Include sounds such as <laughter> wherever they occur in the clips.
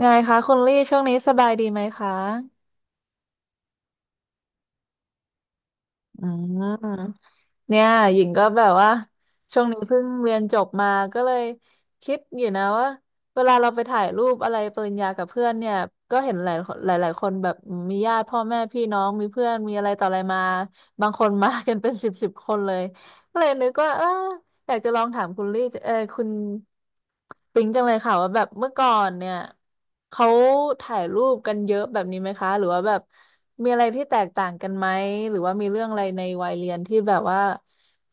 ไงคะคุณลี่ช่วงนี้สบายดีไหมคะอืมเนี่ยหญิงก็แบบว่าช่วงนี้เพิ่งเรียนจบมาก็เลยคิดอยู่นะว่าเวลาเราไปถ่ายรูปอะไรปริญญากับเพื่อนเนี่ยก็เห็นหลายคนแบบมีญาติพ่อแม่พี่น้องมีเพื่อนมีอะไรต่ออะไรมาบางคนมา <laughs> กันเป็นสิบสิบคนเลยก็เลยนึกว่าเออ อยากจะลองถามคุณลี่คุณปิงจังเลยค่ะว่าแบบเมื่อก่อนเนี่ยเขาถ่ายรูปกันเยอะแบบนี้ไหมคะหรือว่าแบบมีอะไรที่แตกต่างกันไหมหรือว่ามีเรื่องอะไรในวัยเรียนที่แบบว่า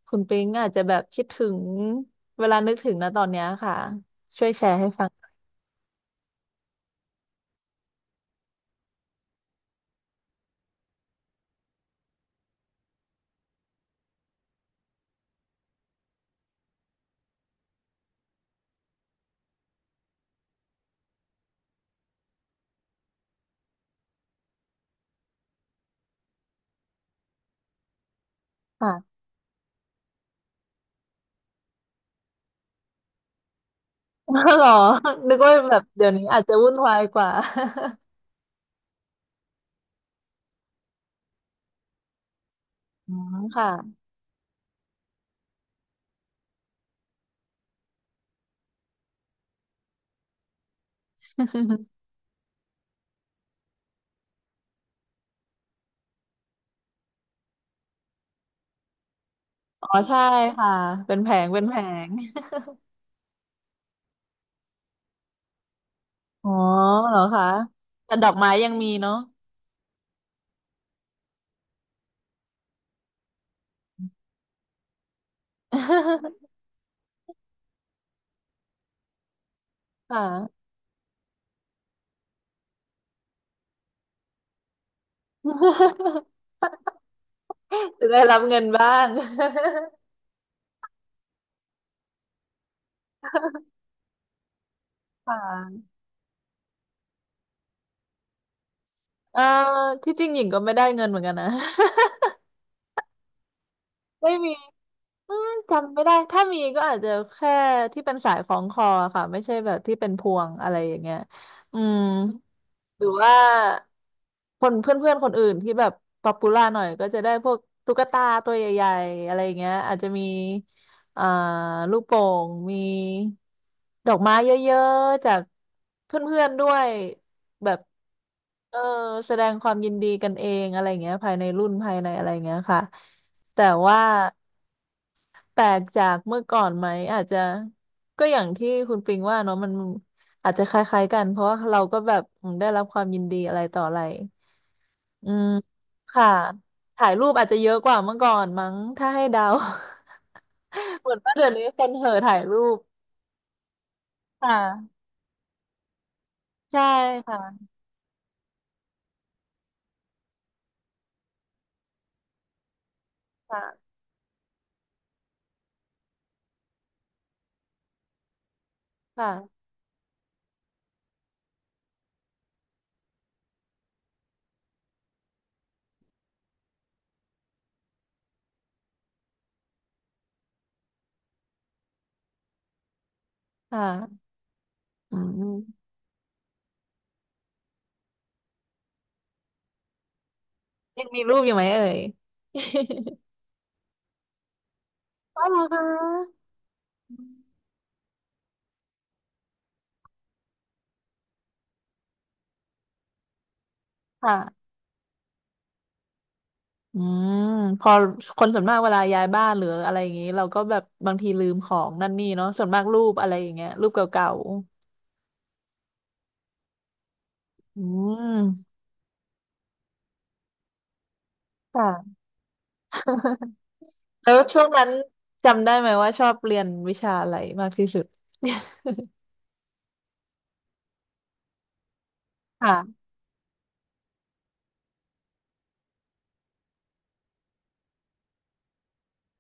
คุณปิงอาจจะแบบคิดถึงเวลานึกถึงนะตอนเนี้ยค่ะช่วยแชร์ให้ฟังค่ะ <laughs> หรอนึกว่าแบบเดี๋ยวนี้อาจจะวุ่นวายกว่า <laughs> อ๋อค่ะอ๋อใช่ค่ะเป็นแผงเป็นแผง อ๋อเหรอคะแต่ดอกไม้ยังมีเนาะ <laughs> ค่ะ <laughs> จะได้รับเงินบ้าง <laughs> ค่ะเอ่อที่จริงหญิงก็ไม่ได้เงินเหมือนกันนะ <laughs> ไม่มีอืมจำไม่ได้ถ้ามีก็อาจจะแค่ที่เป็นสายคล้องคอค่ะไม่ใช่แบบที่เป็นพวงอะไรอย่างเงี้ยอืม หรือว่าคนเพื่อนๆคนอื่นที่แบบป๊อปปูล่าหน่อยก็จะได้พวกตุ๊กตาตัวใหญ่ๆอะไรอย่างเงี้ยอาจจะมีอ่าลูกโป่งมีดอกไม้เยอะๆจากเพื่อนๆด้วยแบบเออแสดงความยินดีกันเองอะไรอย่างเงี้ยภายในรุ่นภายในอะไรอย่างเงี้ยค่ะแต่ว่า แปลกจากเมื่อก่อนไหมอาจจะก็อย่างที่คุณปิงว่าเนาะมันอาจจะคล้ายๆกันเพราะว่าเราก็แบบอืมได้รับความยินดีอะไรต่ออะไรอืมค่ะถ่ายรูปอาจจะเยอะกว่าเมื่อก่อนมั้งถ้าให้เดา <laughs> เหมือนว่าเดี๋ยวนี้คนเห่อถ่ายรูปค่ะใช่ค่ะค่ะค่ะค่ะอืมยังมีรูปอยู่ไหมเอ่ย <laughs> อ๋อเหรอคะค่ะ อืมพอคนส่วนมากเวลาย้ายบ้านหรืออะไรอย่างนี้เราก็แบบบางทีลืมของนั่นนี่เนาะส่วนมากรูปอะไรอย่างเงี้ยรูปเก่าๆอืมค่ะ <laughs> แล้วช่วงนั้นจำได้ไหมว่าชอบเรียนวิชาอะไรมากที่สุด <laughs> ค่ะ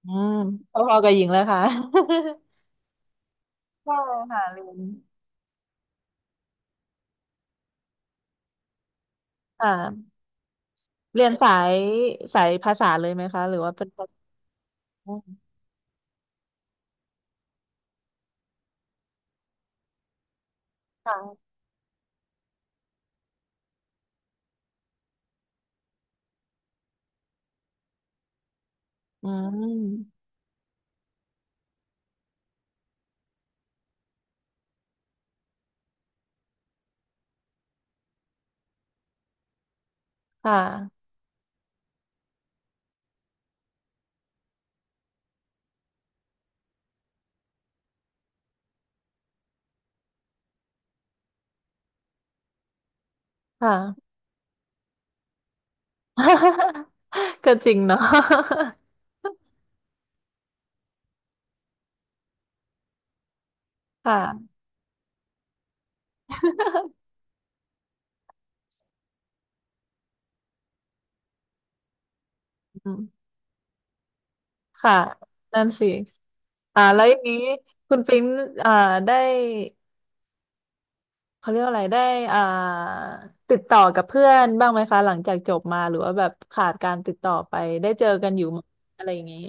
อืมพอๆกับหญิงเลยค่ะ <laughs> ใช่ค่ะเรียนค่ะเรียนสายสายภาษาเลยไหมคะหรือว่าเป็นภาษาค่ะอืมค่ะค่ะ <laughs> ก็จริงเนาะ <laughs> ค่ะ อืมค่ะนั่นสิอ่าแล้วอย่างนี้คุณปิ๊งอ่าได้เขาเรียกว่าอะไรได้อ่าติดต่อกับเพื่อนบ้างไหมคะหลังจากจบมาหรือว่าแบบขาดการติดต่อไปได้เจอกันอยู่ไหมอะไรอย่างนี้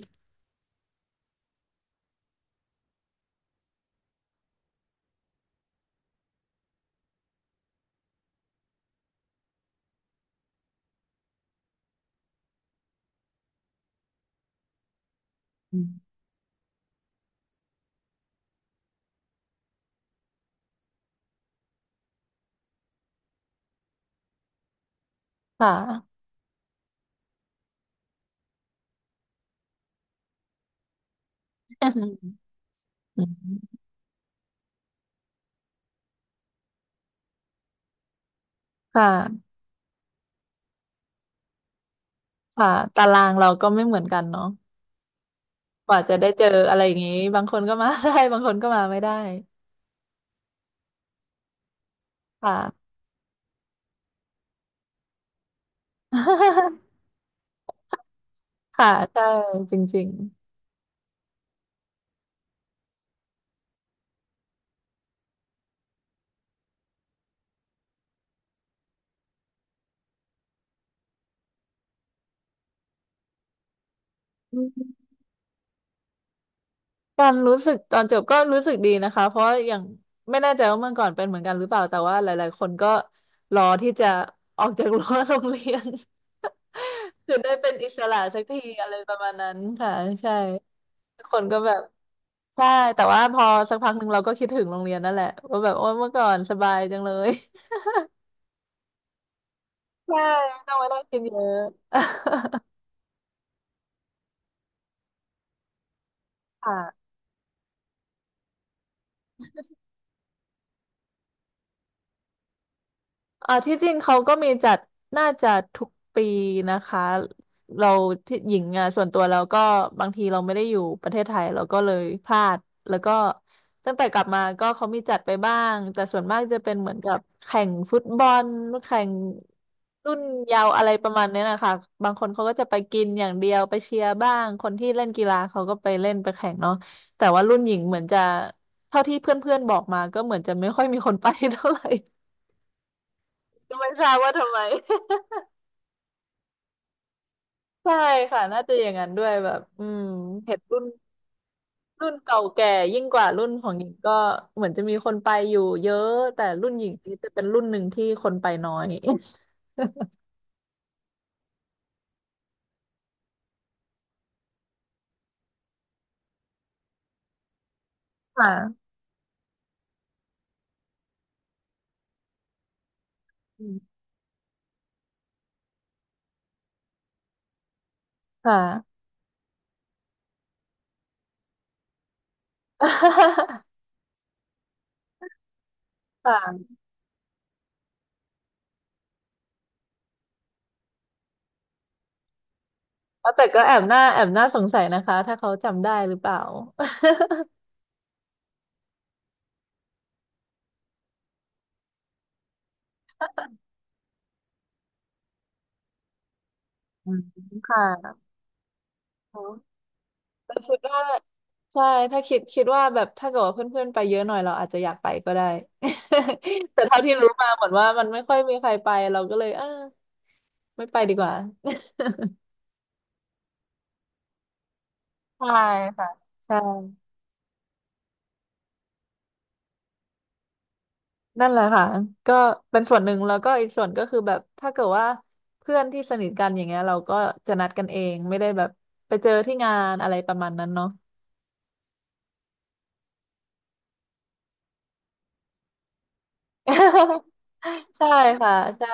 อืมค่ะอืมค่ะค่ะตารางเราก็ไม่เหมือนกันเนาะกว่าจะได้เจออะไรอย่างนี้บางคนก็มา <laughs> ได้บางคนก็มาไม่ได้ค่ะ <laughs> ค่ะใช่จริงๆ การรู้สึกตอนจบก็รู้สึกดีนะคะเพราะอย่างไม่แน่ใจว่าเมื่อก่อนเป็นเหมือนกันหรือเปล่าแต่ว่าหลายๆคนก็รอที่จะออกจากรั้วโรงเรียน <laughs> คือได้เป็นอิสระสักทีอะไรประมาณนั้นค่ะใช่ทุกคนก็แบบใช่แต่ว่าพอสักพักหนึ่งเราก็คิดถึงโรงเรียนนั่นแหละว่าแบบโอ้ยเมื่อก่อนสบายจังเลย <laughs> ใช่ไม่ต้องมานั่งกินเยอะ <laughs> ค่ะ อ่าที่จริงเขาก็มีจัดน่าจะทุกปีนะคะเราที่หญิงอ่ะส่วนตัวเราก็บางทีเราไม่ได้อยู่ประเทศไทยเราก็เลยพลาดแล้วก็ตั้งแต่กลับมาก็เขามีจัดไปบ้างแต่ส่วนมากจะเป็นเหมือนกับแข่งฟุตบอลแข่งรุ่นเยาวอะไรประมาณเนี้ยนะคะบางคนเขาก็จะไปกินอย่างเดียวไปเชียร์บ้างคนที่เล่นกีฬาเขาก็ไปเล่นไปแข่งเนาะแต่ว่ารุ่นหญิงเหมือนจะเท่าที่เพื่อนๆบอกมาก็เหมือนจะไม่ค่อยมีคนไป <laughs> เท่าไหร่ ก็ไม่ทราบว่าทำไม <laughs> ใช่ค่ะน่าจะอย่างนั้นด้วยแบบอืมเห็นรุ่นรุ่นเก่าแก่ยิ่งกว่ารุ่นของหญิงก็เหมือนจะมีคนไปอยู่เยอะแต่รุ่นหญิงนี่จะเป็นรุ่นหนึ่งที่คนไปน้อย <laughs> ค่ะอืมค่ะ <laughs> ค่ะเอาแต่ก็แอบหน่าแอบหน้าสงสัยนะคะถ้าเขาจำได้หรือเปล่า <laughs> อืมค่ะ คิดว่าใช่ถ้าคิดว่าแบบถ้าเกิดว่าเพื่อนๆไปเยอะหน่อยเราอาจจะอยากไปก็ได้ <laughs> แต่เท่าที่รู้มาเหมือนว่ามันไม่ค่อยมีใครไปเราก็เลยเออไม่ไปดีกว่า <laughs> ใช่ค่ะใช่นั่นแหละค่ะก็เป็นส่วนหนึ่งแล้วก็อีกส่วนก็คือแบบถ้าเกิดว่าเพื่อนที่สนิทกันอย่างเงี้ยเราก็จะนัดกันเองไม่ได้แบบไปเจอที่งานอะไรประมาณนั้นเนาะ <laughs> ใช่ค่ะใช่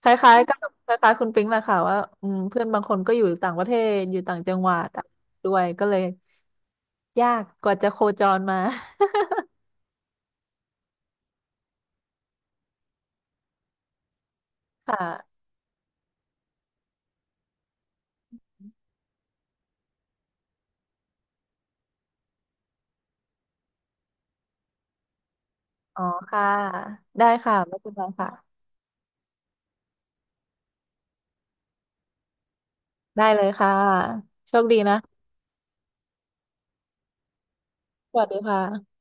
คล้ายๆกับคล้ายๆคุณปิ๊งแหละค่ะว่าอืมเพื่อนบางคนก็อยู่ต่างประเทศอยู่ต่างจังหวัดด้วยก็เลยยากกว่าจะโคจรมา <laughs> ค่ะอ๋อค่ะได้ค่ะไม่เป็นไรค่ะได้เลยค่ะโชคดีนะสวัสดีค่ะ